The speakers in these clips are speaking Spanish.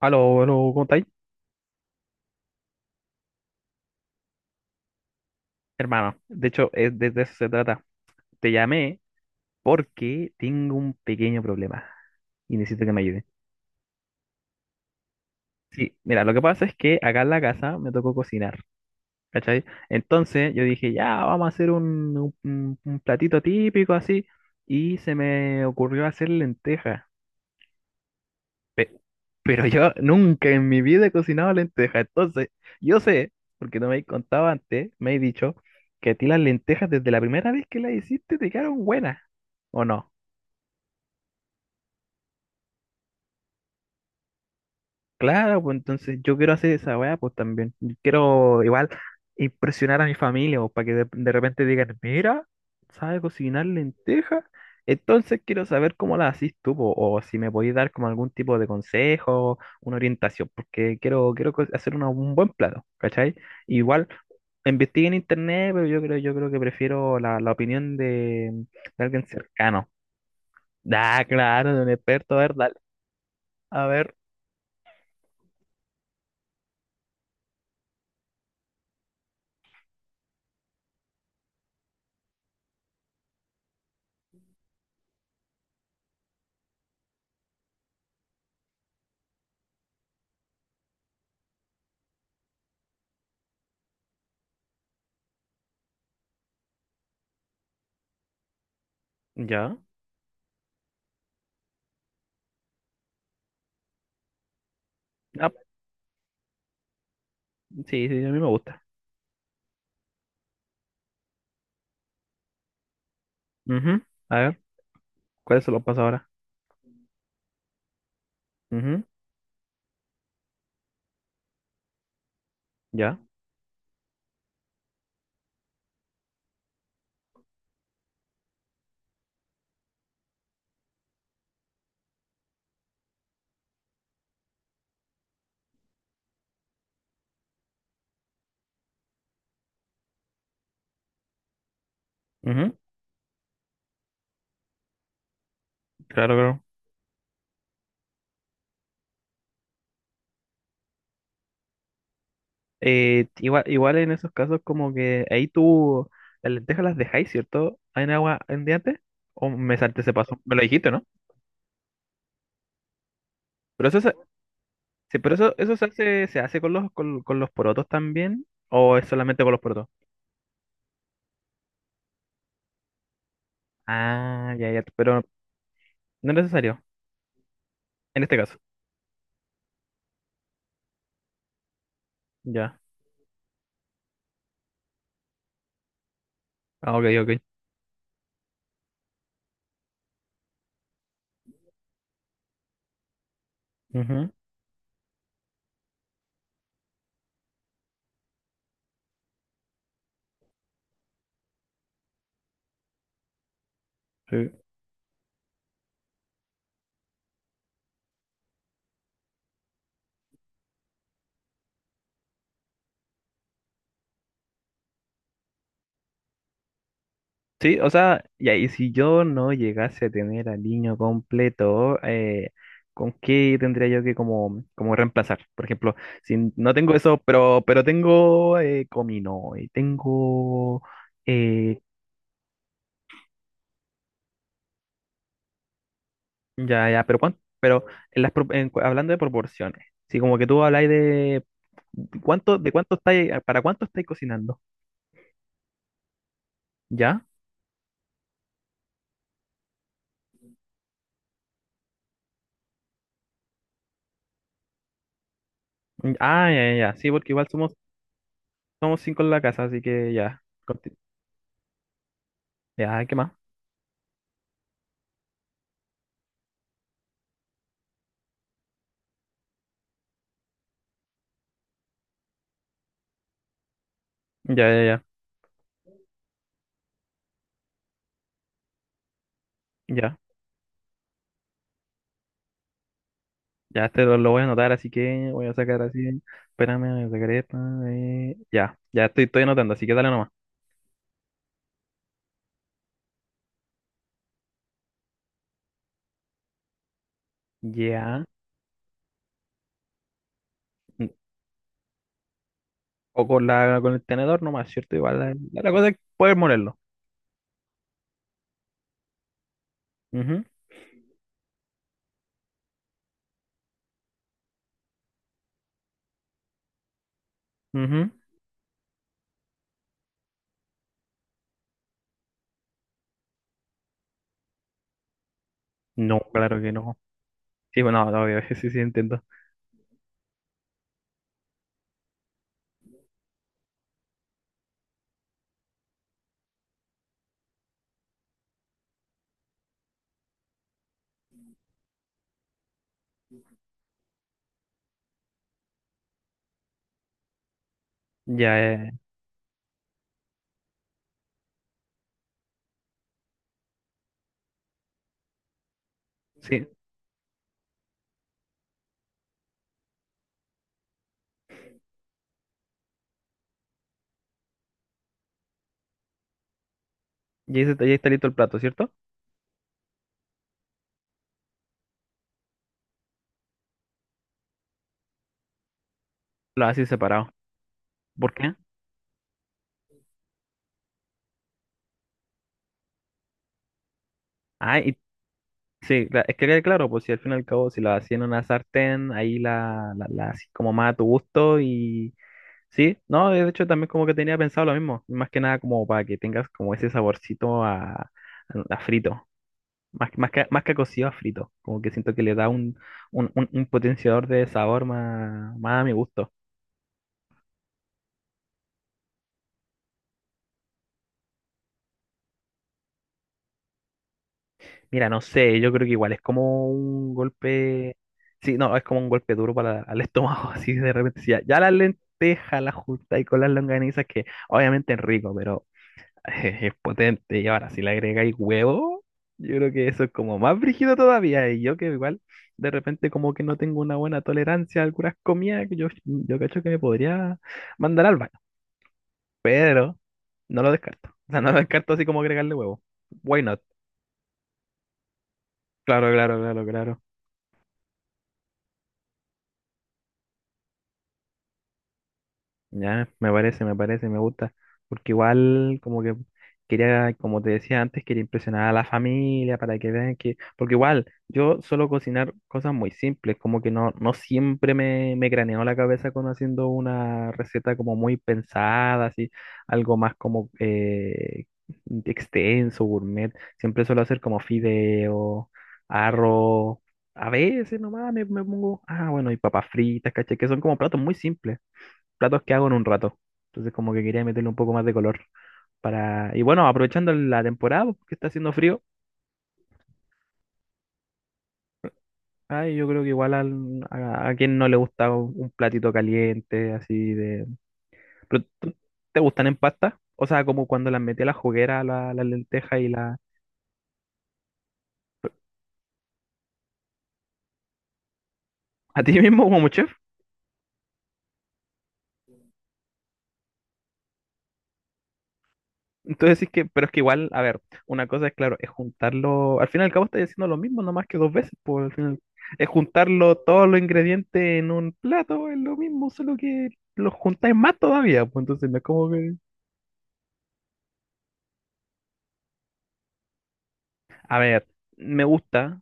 Aló, aló, ¿cómo estáis? Hermano, de hecho, de eso se trata. Te llamé porque tengo un pequeño problema y necesito que me ayude. Sí, mira, lo que pasa es que acá en la casa me tocó cocinar, ¿cachai? Entonces yo dije, ya, vamos a hacer un platito típico así, y se me ocurrió hacer lentejas. Pe- Pero yo nunca en mi vida he cocinado lentejas. Entonces, yo sé, porque no me habéis contado antes, me he dicho que a ti las lentejas desde la primera vez que las hiciste te quedaron buenas. ¿O no? Claro, pues entonces yo quiero hacer esa weá, pues también. Y quiero igual impresionar a mi familia, pues, para que de repente digan, mira, sabes cocinar lentejas. Entonces quiero saber cómo las haces tú, po, o si me podéis dar como algún tipo de consejo, una orientación, porque quiero hacer un buen plato, ¿cachai? Igual investigué en internet, pero yo creo que prefiero la opinión de alguien cercano. Ah, claro, de un experto, a ver, dale. A ver, ya. Ah, sí, sí, a mí me gusta. Ujú. A ver, ¿cuál se lo pasa ahora? Ujú. Ya. Ujú, claro, claro. Igual en esos casos como que ahí tú las lentejas las dejáis, ¿cierto? ¿En agua andiante? ¿O me salté ese paso? Me lo dijiste, ¿no? Pero eso se, sí, pero eso se hace con los porotos también, ¿o es solamente con los porotos? Ah, ya, ya, pero no es necesario, en este caso. Ya. Ah, ok, ok. Ujú, sí. Sí, o sea, ya, y si yo no llegase a tener al niño completo, ¿con qué tendría yo que como reemplazar? Por ejemplo, si no tengo eso, pero tengo comino y tengo. eh, ya, ya, pero ¿cuánto? Pero en las, pro- en cu- hablando de proporciones, si como que tú habláis de cuánto, estáis, para cuánto estáis cocinando, ¿ya? Mm, ah, ya, ya, ya, sí, porque igual somos cinco en la casa, así que ya, ya, ¿qué más? Ya, ya, ya. Ya. Ya este lo voy a anotar, así que voy a sacar así. Espérame, voy a sacar esta. Ya, ya estoy anotando, así que dale nomás. Ya. mm, O con el tenedor nomás, ¿cierto? Igual la cosa es poder molerlo. Ujú, ujú. No, claro que no. Sí, bueno, no, obvio, sí, sí, entiendo. Ya, sí. Ya, ya está listo el plato, ¿cierto? Lo haces separado. ¿Por qué? Ah, y sí, es que quede claro, pues si al fin y al cabo, si lo hacía en una sartén, ahí la así como más a tu gusto. Sí, no, de hecho también como que tenía pensado lo mismo, más que nada como para que tengas como ese saborcito a, a frito, más que a cocido a frito, como que siento que le da un potenciador de sabor más a mi gusto. Mira, no sé, yo creo que igual es como un golpe, sí, no, es como un golpe duro para el estómago, así de repente, sí, ya, ya las lentejas las juntas y con las longanizas que obviamente es rico, Es potente. Y ahora, si le agregáis huevo, yo creo que eso es como más brígido todavía. Y yo que igual, de repente, como que no tengo una buena tolerancia a algunas comidas, que yo cacho que me podría mandar al baño. Pero no lo descarto. O sea, no lo descarto así como agregarle huevo. Why not? Claro, claro, claro, claro. Ya, me parece, me gusta, porque igual como que quería, como te decía antes, quería impresionar a la familia para que vean que, porque igual yo suelo cocinar cosas muy simples, como que no siempre me craneó la cabeza con haciendo una receta como muy pensada, así, algo más como extenso, gourmet, siempre suelo hacer como fideo, arroz, a veces nomás me pongo, ah, bueno, y papas fritas, caché, que son como platos muy simples, platos que hago en un rato. Entonces como que quería meterle un poco más de color. Y bueno, aprovechando la temporada, pues, que está haciendo frío, ay, yo creo que igual a quien no le gusta un platito caliente, así de. Pero, ¿te gustan en pasta? O sea, como cuando las metí a la juguera, la lenteja y la. A ti mismo como chef. Entonces sí que, pero es que igual, a ver, una cosa es claro, es juntarlo, al fin y al cabo estás haciendo lo mismo, no más que dos veces, por es juntarlo todos los ingredientes en un plato, es lo mismo, solo que los juntáis más todavía, pues entonces no es como que. A ver, me gusta,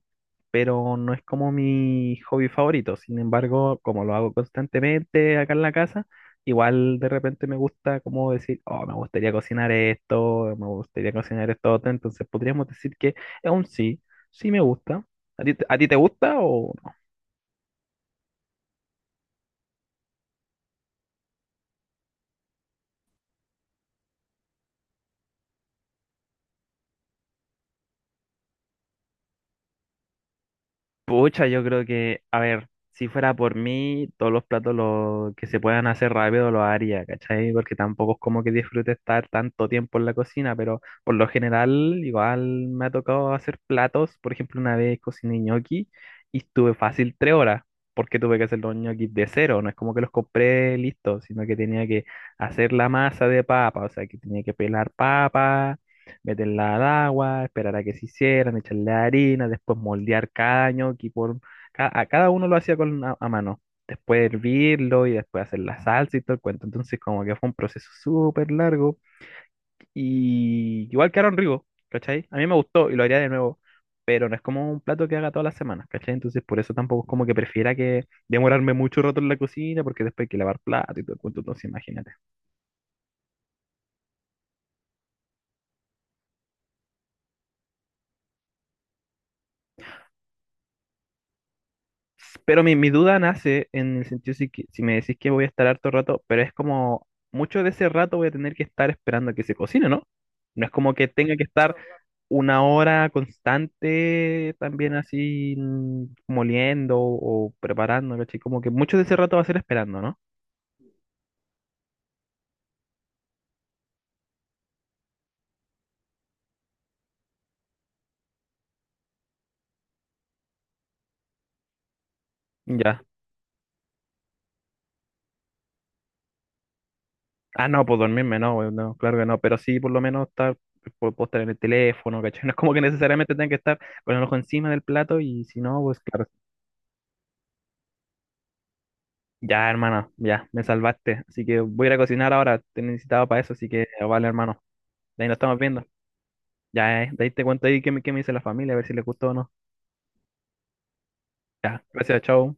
pero no es como mi hobby favorito, sin embargo, como lo hago constantemente acá en la casa, igual de repente me gusta como decir, oh, me gustaría cocinar esto, me gustaría cocinar esto, otro", entonces podríamos decir que es un sí, sí me gusta. ¿A ti, a ti te gusta o...? Pucha, yo creo que, a ver, si fuera por mí, todos los platos que se puedan hacer rápido los haría, ¿cachai? Porque tampoco es como que disfrute estar tanto tiempo en la cocina, pero por lo general igual me ha tocado hacer platos. Por ejemplo, una vez cociné ñoqui y estuve fácil 3 horas, porque tuve que hacer los ñoquis de cero. No es como que los compré listos, sino que tenía que hacer la masa de papa, o sea, que tenía que pelar papa, meterla al agua, esperar a que se hicieran, echarle harina, después moldear cada ñoqui. A cada uno lo hacía con a mano. Después hervirlo y después hacer la salsa y todo el cuento. Entonces como que fue un proceso súper largo y igual quedaron ricos, ¿cachai? A mí me gustó y lo haría de nuevo, pero no es como un plato que haga todas las semanas, ¿cachai? Entonces por eso tampoco es como que prefiera que demorarme mucho rato en la cocina porque después hay que lavar plato y todo el cuento, entonces imagínate. Pero mi duda nace en el sentido si me decís que voy a estar harto rato, pero es como mucho de ese rato voy a tener que estar esperando a que se cocine, ¿no? No es como que tenga que estar una hora constante también así moliendo o preparando, ¿cachai? Como que mucho de ese rato va a ser esperando, ¿no? Ya. Ah, no, pues dormirme, no, weón, no, claro que no, pero sí por lo menos estar, puedo estar en el teléfono, ¿cachai? No es como que necesariamente tenga que estar con el ojo encima del plato y si no, pues claro. Ya, hermano, ya, me salvaste. Así que voy a ir a cocinar ahora. Te necesitaba para eso, así que vale, hermano. De ahí nos estamos viendo. Ya, de ahí te cuento ahí qué me dice la familia, a ver si les gustó o no. Ya, gracias, chao.